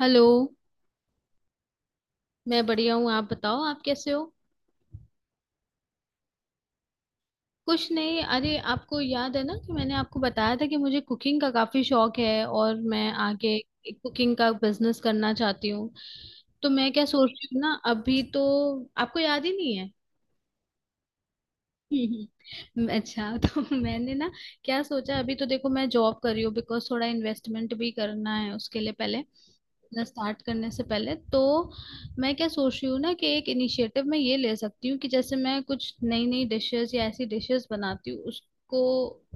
Hello. मैं बढ़िया हूँ, आप बताओ आप कैसे हो? कुछ नहीं, अरे आपको याद है ना कि मैंने आपको बताया था कि मुझे कुकिंग का काफी शौक है और मैं आगे कुकिंग का बिजनेस करना चाहती हूँ। तो मैं क्या सोच रही हूँ ना, अभी तो आपको याद ही नहीं है। अच्छा तो मैंने ना क्या सोचा, अभी तो देखो मैं जॉब कर रही हूँ बिकॉज थोड़ा इन्वेस्टमेंट भी करना है, उसके लिए पहले अपना स्टार्ट करने से पहले तो मैं क्या सोच रही हूँ ना कि एक इनिशिएटिव मैं ये ले सकती हूँ कि जैसे मैं कुछ नई नई डिशेस या ऐसी डिशेस बनाती हूँ उसको,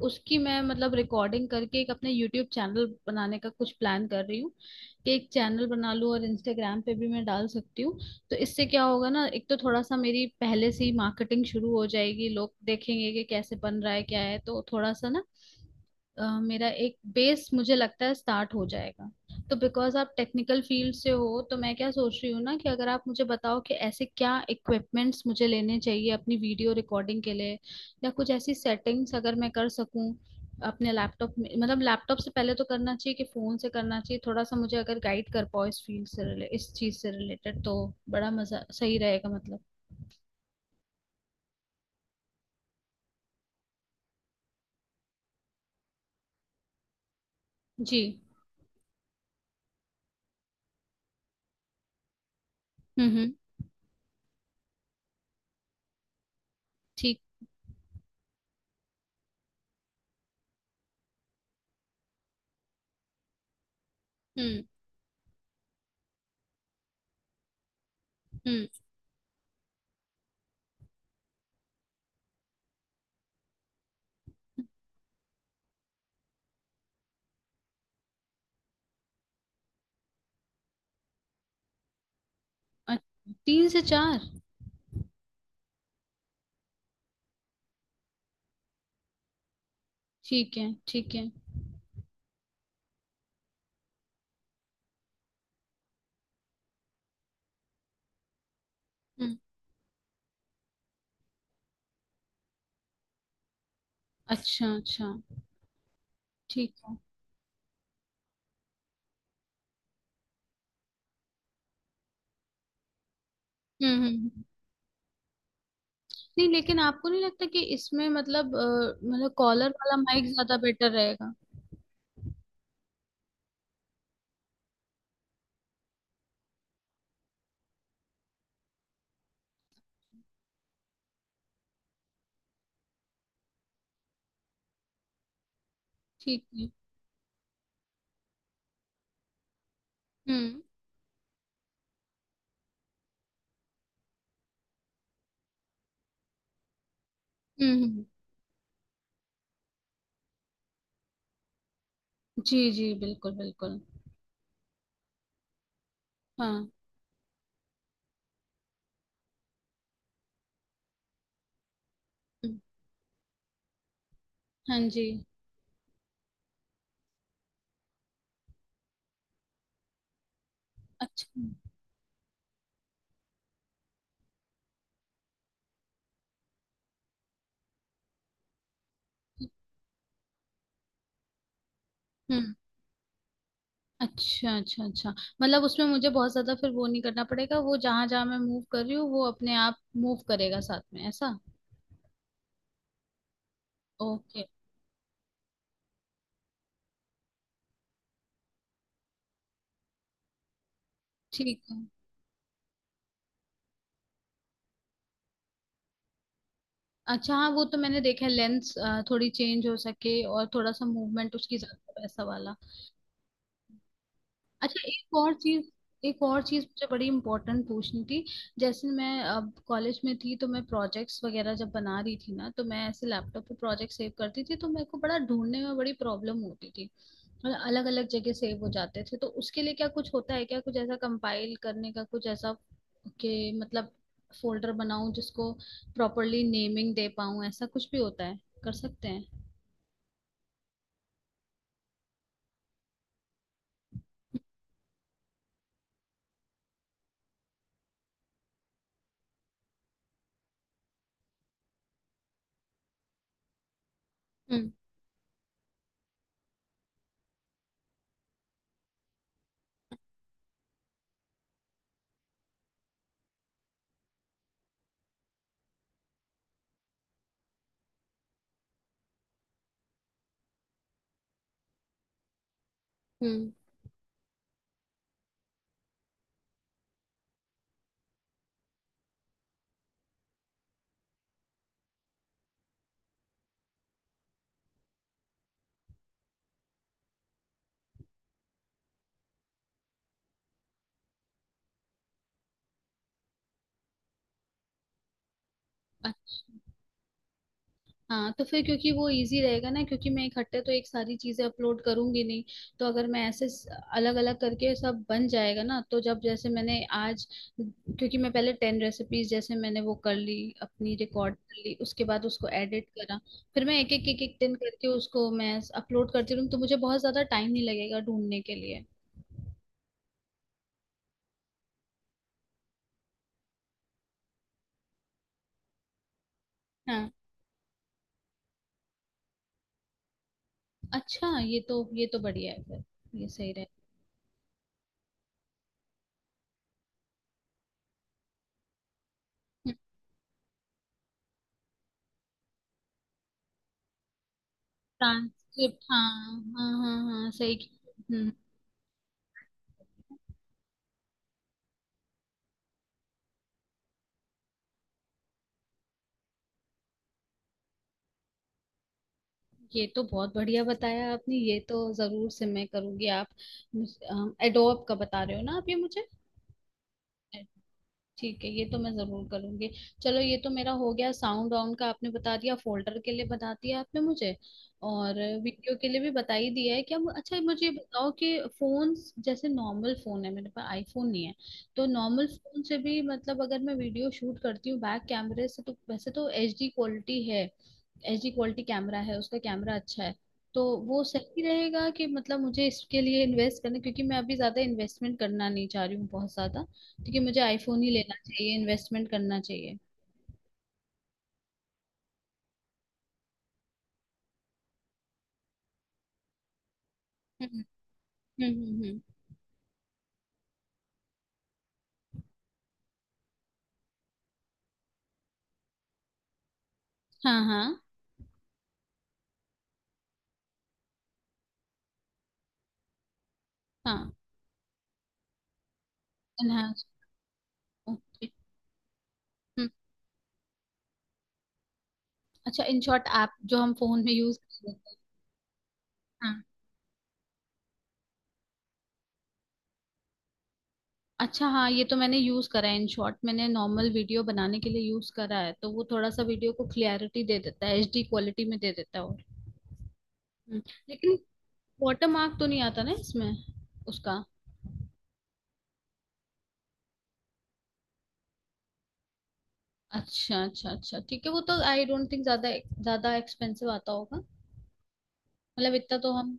उसकी मैं मतलब रिकॉर्डिंग करके एक अपने यूट्यूब चैनल बनाने का कुछ प्लान कर रही हूँ कि एक चैनल बना लूँ और इंस्टाग्राम पे भी मैं डाल सकती हूँ। तो इससे क्या होगा ना, एक तो थोड़ा सा मेरी पहले से ही मार्केटिंग शुरू हो जाएगी, लोग देखेंगे कि कैसे बन रहा है क्या है, तो थोड़ा सा ना, मेरा एक बेस मुझे लगता है स्टार्ट हो जाएगा। तो बिकॉज आप टेक्निकल फील्ड से हो तो मैं क्या सोच रही हूँ ना कि अगर आप मुझे बताओ कि ऐसे क्या इक्विपमेंट्स मुझे लेने चाहिए अपनी वीडियो रिकॉर्डिंग के लिए, या कुछ ऐसी सेटिंग्स अगर मैं कर सकूँ अपने लैपटॉप में, मतलब लैपटॉप से पहले तो करना चाहिए कि फोन से करना चाहिए, थोड़ा सा मुझे अगर गाइड कर पाओ इस फील्ड से रिले इस चीज से रिलेटेड तो बड़ा मजा सही रहेगा मतलब। जी। हम्म। ठीक। हम्म हम्म। अच्छा, तीन से चार। ठीक है, ठीक है। हुँ, अच्छा, अच्छा, ठीक है। हुँ, हुँ, हुँ। नहीं, लेकिन आपको नहीं लगता कि इसमें मतलब मतलब कॉलर वाला माइक ज़्यादा बेटर रहेगा? ठीक है। हुँ, हुँ, हुँ। जी, जी, बिल्कुल, बिल्कुल। हाँ, हुँ, हाँ जी। अच्छा, हुँ, अच्छा, अच्छा, अच्छा। मतलब उसमें मुझे बहुत ज़्यादा फिर वो नहीं करना पड़ेगा, वो जहाँ-जहाँ मैं मूव कर रही हूँ, वो अपने आप मूव करेगा साथ में, ऐसा? ओके, ठीक है। अच्छा हाँ वो तो मैंने देखा है, लेंस थोड़ी चेंज हो सके और थोड़ा सा मूवमेंट उसकी ज्यादा वैसा वाला। अच्छा एक और चीज, एक और चीज मुझे बड़ी इम्पोर्टेंट पूछनी थी। जैसे मैं अब कॉलेज में थी तो मैं प्रोजेक्ट्स वगैरह जब बना रही थी ना तो मैं ऐसे लैपटॉप पे प्रोजेक्ट सेव करती थी तो मेरे को बड़ा ढूंढने में बड़ी प्रॉब्लम होती थी, अलग अलग जगह सेव हो जाते थे, तो उसके लिए क्या कुछ होता है क्या कुछ ऐसा कंपाइल करने का कुछ ऐसा कि मतलब फोल्डर बनाऊं जिसको प्रॉपरली नेमिंग दे पाऊं, ऐसा कुछ भी होता है, कर सकते हैं? हम्म हम्म। अच्छा हाँ तो फिर, क्योंकि वो इजी रहेगा ना क्योंकि मैं इकट्ठे तो एक सारी चीजें अपलोड करूंगी नहीं, तो अगर मैं ऐसे अलग अलग करके सब बन जाएगा ना, तो जब जैसे मैंने आज, क्योंकि मैं पहले 10 रेसिपीज जैसे मैंने वो कर ली अपनी रिकॉर्ड कर ली उसके बाद उसको एडिट करा, फिर मैं एक एक एक एक दिन करके उसको मैं अपलोड करती रहूँ तो मुझे बहुत ज्यादा टाइम नहीं लगेगा ढूंढने के लिए। हाँ। अच्छा ये तो बढ़िया है फिर, ये सही रहेगा। ट्रांसक्रिप्ट, हाँ हाँ हाँ हाँ सही। हम्म। ये तो बहुत बढ़िया बताया आपने, ये तो जरूर से मैं करूंगी। आप एडोब का बता रहे हो ना आप ये मुझे? ठीक है, ये तो मैं जरूर करूंगी। चलो ये तो मेरा हो गया, साउंड ऑन का आपने बता दिया, फोल्डर के लिए बता दिया आपने मुझे, और वीडियो के लिए भी बता ही दिया है क्या? अच्छा मुझे ये बताओ कि फोन, जैसे नॉर्मल फोन है मेरे पास, आईफोन नहीं है, तो नॉर्मल फोन से भी मतलब अगर मैं वीडियो शूट करती हूँ बैक कैमरे से तो वैसे तो एचडी क्वालिटी है, एचडी क्वालिटी कैमरा है उसका, कैमरा अच्छा है। तो वो सही रहेगा कि मतलब मुझे इसके लिए इन्वेस्ट करना, क्योंकि मैं अभी ज्यादा इन्वेस्टमेंट करना नहीं चाह रही हूँ बहुत ज्यादा, क्योंकि मुझे आईफोन ही लेना चाहिए, इन्वेस्टमेंट करना चाहिए। हम्म हम्म हम्म हम्म। हाँ हाँ हाँ। इनहाउस। ओके। हम्म। अच्छा इन शॉर्ट ऐप जो हम फोन में यूज कर लेते हैं। हाँ, अच्छा हाँ ये तो मैंने यूज करा है, इन शॉर्ट मैंने नॉर्मल वीडियो बनाने के लिए यूज करा है, तो वो थोड़ा सा वीडियो को क्लियरिटी दे देता है, एचडी क्वालिटी में दे देता है और हम्म, लेकिन वाटर मार्क तो नहीं आता ना इसमें, उसका? अच्छा अच्छा अच्छा ठीक है, वो तो आई डोंट थिंक ज्यादा ज्यादा एक्सपेंसिव आता होगा, मतलब इतना तो हम।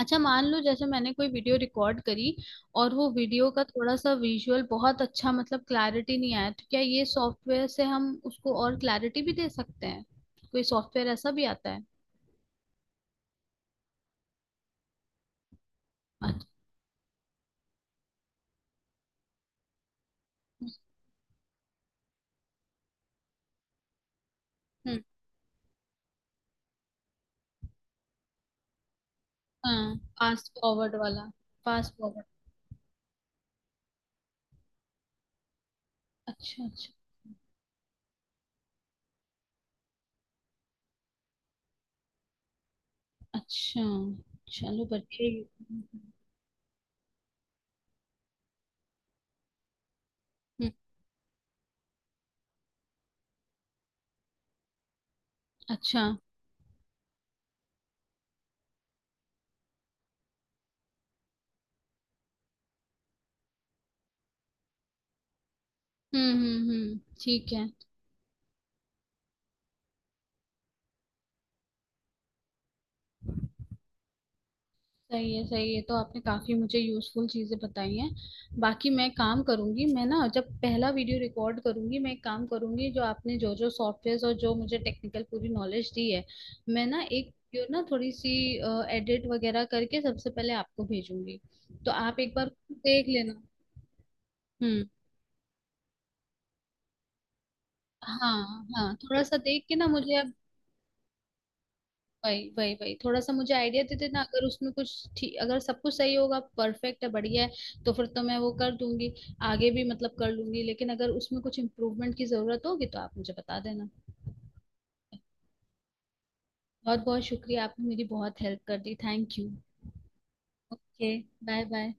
अच्छा मान लो जैसे मैंने कोई वीडियो रिकॉर्ड करी और वो वीडियो का थोड़ा सा विजुअल बहुत अच्छा, मतलब क्लैरिटी नहीं आया, तो क्या ये सॉफ्टवेयर से हम उसको और क्लैरिटी भी दे सकते हैं, कोई सॉफ्टवेयर ऐसा भी आता है? अच्छा। हम्म। हाँ, फास्ट फॉरवर्ड वाला। Fast forward. अच्छा अच्छा अच्छा, चलो बढ़िया ही- हम्म, अच्छा। हम्म, ठीक है। सही है सही है, तो आपने काफी मुझे यूजफुल चीजें बताई हैं। बाकी मैं काम करूंगी, मैं ना जब पहला वीडियो रिकॉर्ड करूंगी मैं एक काम करूंगी, जो आपने जो जो सॉफ्टवेयर और जो मुझे टेक्निकल पूरी नॉलेज दी है, मैं ना एक जो ना थोड़ी सी एडिट वगैरह करके सबसे पहले आपको भेजूंगी, तो आप एक बार देख लेना। हम्म। हाँ हाँ, थोड़ा सा देख के ना मुझे आप, वही वही वही थोड़ा सा मुझे आइडिया दे देना, अगर उसमें कुछ ठीक अगर सब कुछ सही होगा परफेक्ट है बढ़िया है तो फिर तो मैं वो कर दूंगी, आगे भी मतलब कर लूंगी, लेकिन अगर उसमें कुछ इम्प्रूवमेंट की जरूरत होगी तो आप मुझे बता देना। बहुत बहुत शुक्रिया, आपने मेरी बहुत हेल्प कर दी, thank you. Okay, bye bye.